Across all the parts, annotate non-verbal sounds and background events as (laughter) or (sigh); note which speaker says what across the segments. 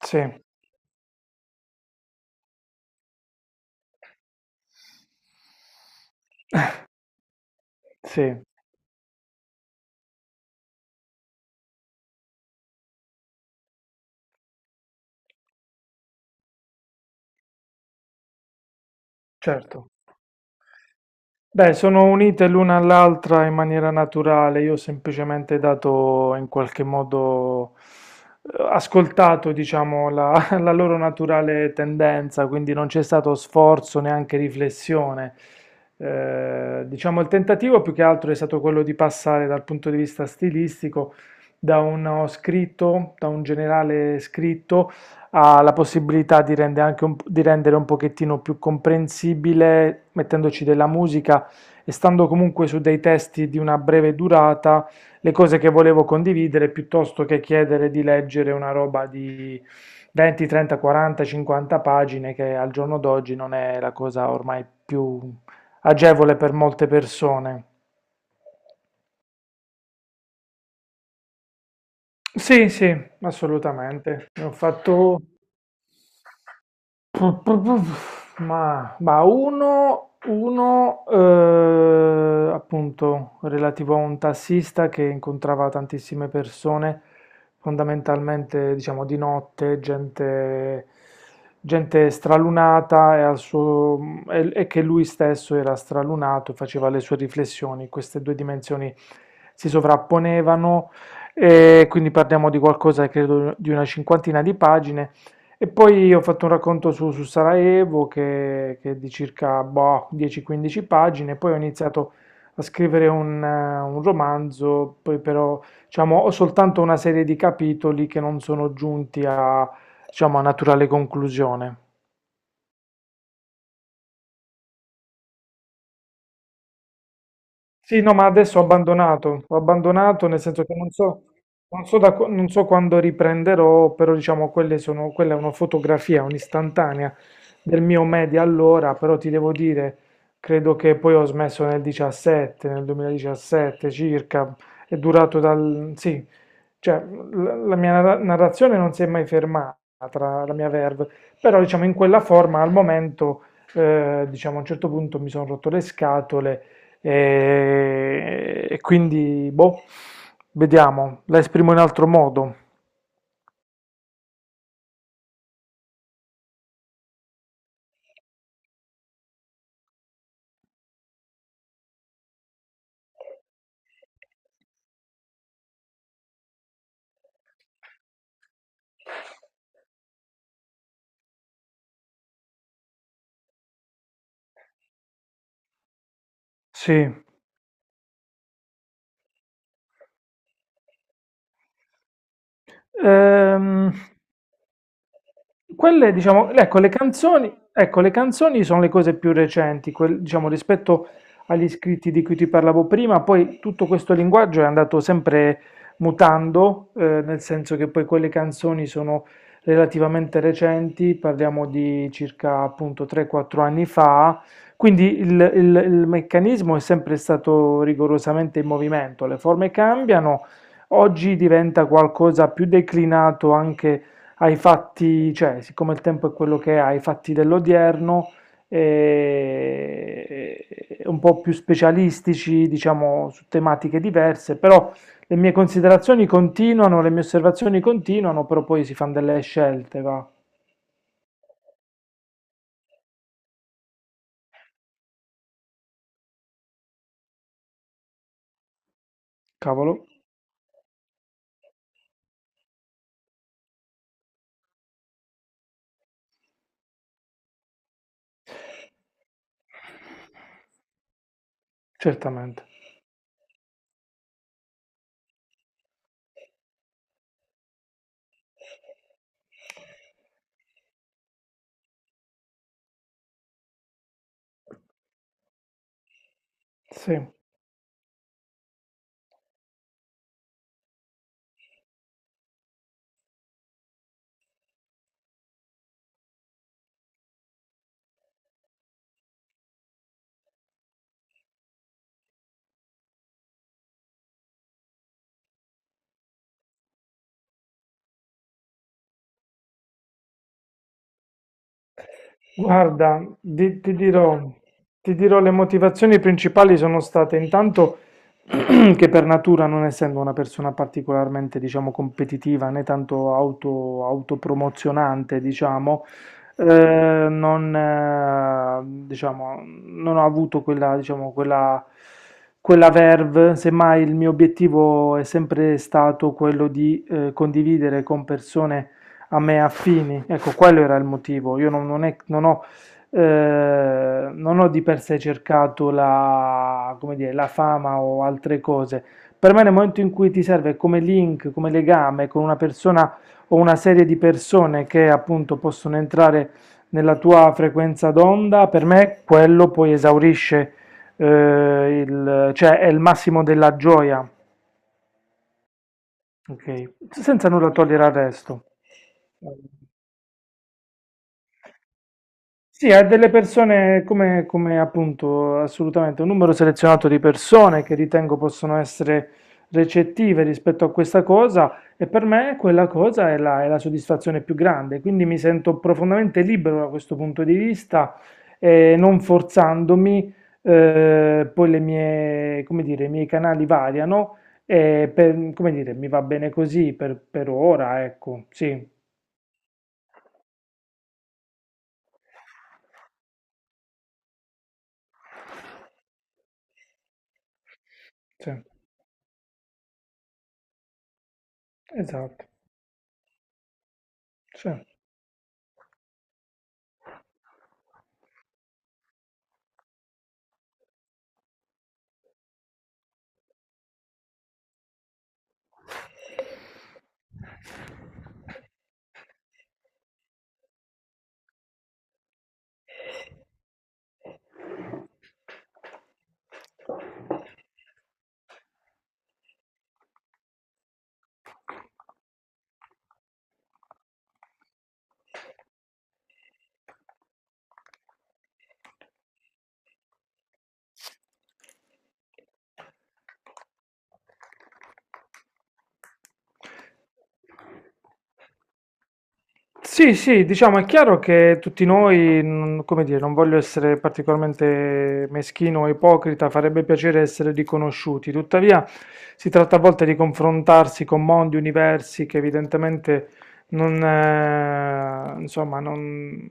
Speaker 1: Sì, sì, certo. Beh, sono unite l'una all'altra in maniera naturale, io ho semplicemente dato in qualche modo, ascoltato, diciamo, (laughs) la loro naturale tendenza, quindi non c'è stato sforzo, neanche riflessione. Diciamo, il tentativo più che altro è stato quello di passare dal punto di vista stilistico da uno scritto, da un generale scritto, ha la possibilità di rende anche di rendere un pochettino più comprensibile, mettendoci della musica e stando comunque su dei testi di una breve durata, le cose che volevo condividere piuttosto che chiedere di leggere una roba di 20, 30, 40, 50 pagine, che al giorno d'oggi non è la cosa ormai più agevole per molte persone. Sì, sì, assolutamente. Ne ho fatto. Ma uno, appunto relativo a un tassista che incontrava tantissime persone, fondamentalmente diciamo di notte, gente, gente stralunata e che lui stesso era stralunato e faceva le sue riflessioni. Queste due dimensioni si sovrapponevano e quindi parliamo di qualcosa, credo, di una cinquantina di pagine. E poi ho fatto un racconto su Sarajevo che è di circa boh, 10-15 pagine, poi ho iniziato a scrivere un romanzo, poi però diciamo, ho soltanto una serie di capitoli che non sono giunti a, diciamo, a naturale conclusione. Sì, no, ma adesso ho abbandonato nel senso che non so quando riprenderò, però diciamo quelle sono, quella è una fotografia, un'istantanea del mio media allora, però ti devo dire, credo che poi ho smesso nel 17, nel 2017 circa, è durato dal, sì, cioè la mia narrazione non si è mai fermata, la mia verve, però diciamo in quella forma al momento, diciamo a un certo punto mi sono rotto le scatole e quindi, boh, vediamo, la esprimo in altro modo, sì. Ehm, Quelle, diciamo, ecco, le canzoni sono le cose più recenti, diciamo, rispetto agli scritti di cui ti parlavo prima, poi tutto questo linguaggio è andato sempre mutando, nel senso che poi quelle canzoni sono relativamente recenti, parliamo di circa appunto 3-4 anni fa, quindi il meccanismo è sempre stato rigorosamente in movimento, le forme cambiano, oggi diventa qualcosa più declinato anche ai fatti, cioè, siccome il tempo è quello che è, ai fatti dell'odierno, un po' più specialistici, diciamo, su tematiche diverse, però le mie considerazioni continuano, le mie osservazioni continuano, però poi si fanno delle scelte, va. Cavolo, certamente. Sì. Guarda, ti dirò, le motivazioni principali sono state intanto (clears throat) che per natura, non essendo una persona particolarmente, diciamo, competitiva né tanto autopromozionante, diciamo, non ho avuto quella, diciamo, quella verve, semmai il mio obiettivo è sempre stato quello di condividere con persone a me affini. Ecco, quello era il motivo. Io non ho di per sé cercato la, come dire, la fama o altre cose. Per me nel momento in cui ti serve come link, come legame con una persona o una serie di persone che appunto possono entrare nella tua frequenza d'onda, per me quello poi esaurisce, cioè è il massimo della gioia, ok? Senza nulla togliere al resto. Sì, ha delle persone come appunto assolutamente un numero selezionato di persone che ritengo possono essere recettive rispetto a questa cosa e per me quella cosa è la soddisfazione più grande, quindi mi sento profondamente libero da questo punto di vista e non forzandomi, poi le mie, come dire, i miei canali variano e come dire, mi va bene così per ora, ecco, sì, sì, esatto, sì. St. Sì, sì, diciamo è chiaro che tutti noi, come dire, non voglio essere particolarmente meschino o ipocrita, farebbe piacere essere riconosciuti, tuttavia si tratta a volte di confrontarsi con mondi, universi che evidentemente non, insomma, non,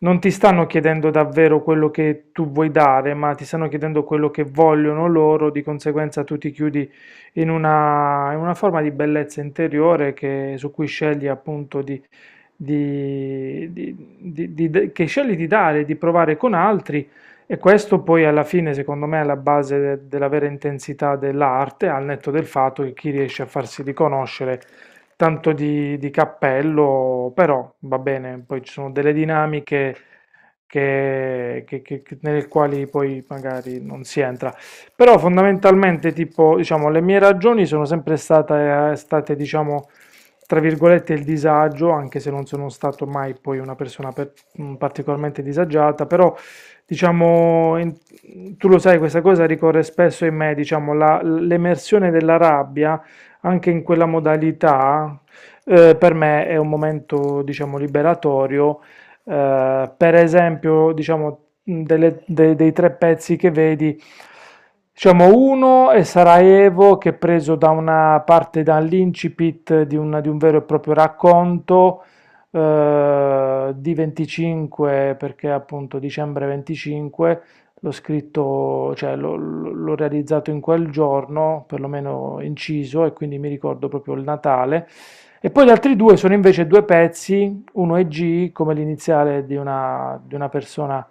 Speaker 1: non ti stanno chiedendo davvero quello che tu vuoi dare, ma ti stanno chiedendo quello che vogliono loro, di conseguenza tu ti chiudi in una forma di bellezza interiore su cui scegli appunto che scegli di dare, di provare con altri e questo poi alla fine, secondo me, è la base della vera intensità dell'arte, al netto del fatto che chi riesce a farsi riconoscere tanto di cappello, però va bene, poi ci sono delle dinamiche nelle quali poi magari non si entra. Però fondamentalmente, tipo, diciamo, le mie ragioni sono sempre state, diciamo, tra virgolette, il disagio, anche se non sono stato mai poi una persona particolarmente disagiata, però diciamo, tu lo sai, questa cosa ricorre spesso in me, diciamo, l'emersione della rabbia, anche in quella modalità, per me è un momento, diciamo, liberatorio per esempio, diciamo, dei tre pezzi che vedi, diciamo, uno è Sarajevo, che è preso da una parte dall'incipit di, di un vero e proprio racconto, di 25, perché appunto dicembre 25, l'ho scritto, cioè l'ho realizzato in quel giorno, perlomeno inciso, e quindi mi ricordo proprio il Natale. E poi gli altri due sono invece due pezzi uno è G come l'iniziale di di una persona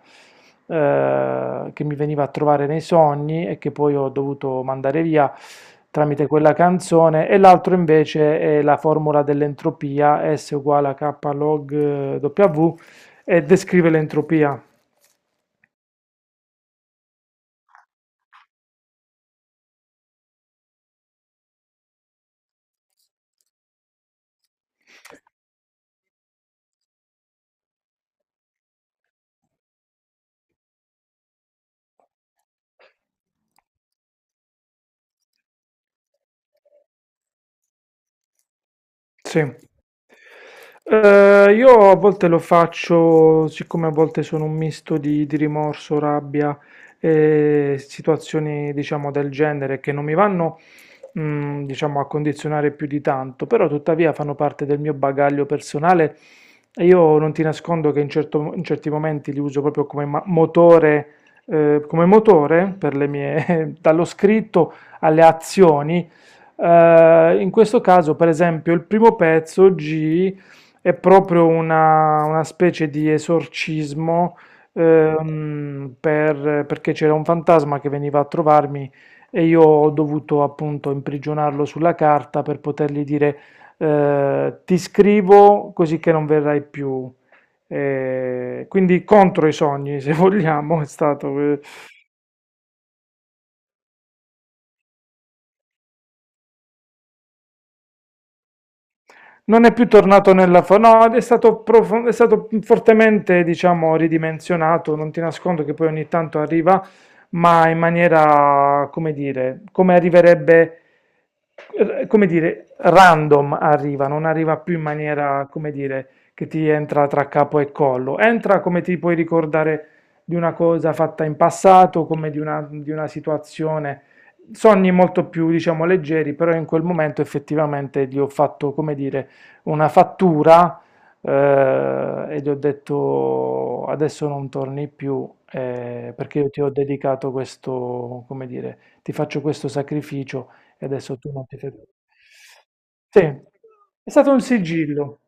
Speaker 1: che mi veniva a trovare nei sogni e che poi ho dovuto mandare via tramite quella canzone, e l'altro invece è la formula dell'entropia, S uguale a K log W, e descrive l'entropia. Sì. Io a volte lo faccio, siccome a volte sono un misto di rimorso, rabbia e situazioni, diciamo, del genere che non mi vanno, diciamo, a condizionare più di tanto, però tuttavia fanno parte del mio bagaglio personale e io non ti nascondo che in certi momenti li uso proprio come motore per le mie, (laughs) dallo scritto alle azioni. In questo caso, per esempio, il primo pezzo G è proprio una specie di esorcismo perché c'era un fantasma che veniva a trovarmi e io ho dovuto appunto imprigionarlo sulla carta per potergli dire ti scrivo così che non verrai più. Quindi contro i sogni, (laughs) se vogliamo, è stato. Non è più tornato. No, è stato fortemente, diciamo, ridimensionato. Non ti nascondo che poi ogni tanto arriva, ma in maniera, come dire, come arriverebbe, come dire, random arriva, non arriva più in maniera, come dire, che ti entra tra capo e collo. Entra come ti puoi ricordare di una cosa fatta in passato, come di una situazione. Sogni molto più, diciamo, leggeri, però in quel momento effettivamente gli ho fatto, come dire, una fattura e gli ho detto adesso non torni più perché io ti ho dedicato questo, come dire, ti faccio questo sacrificio e adesso tu non ti fai più. Sì, è stato un sigillo,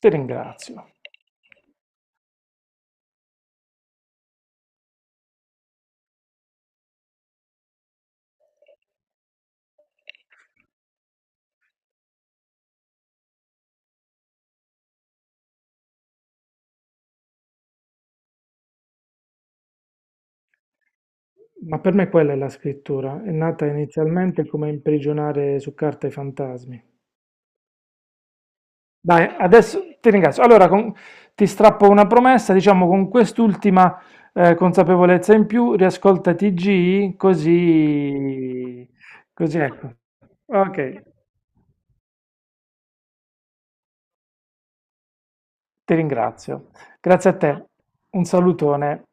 Speaker 1: ti ringrazio. Ma per me quella è la scrittura, è nata inizialmente come imprigionare su carta i fantasmi. Dai, adesso ti ringrazio. Allora, ti strappo una promessa, diciamo con quest'ultima consapevolezza in più, riascolta TG, così, così ecco. Ok, ti ringrazio. Grazie a te. Un salutone.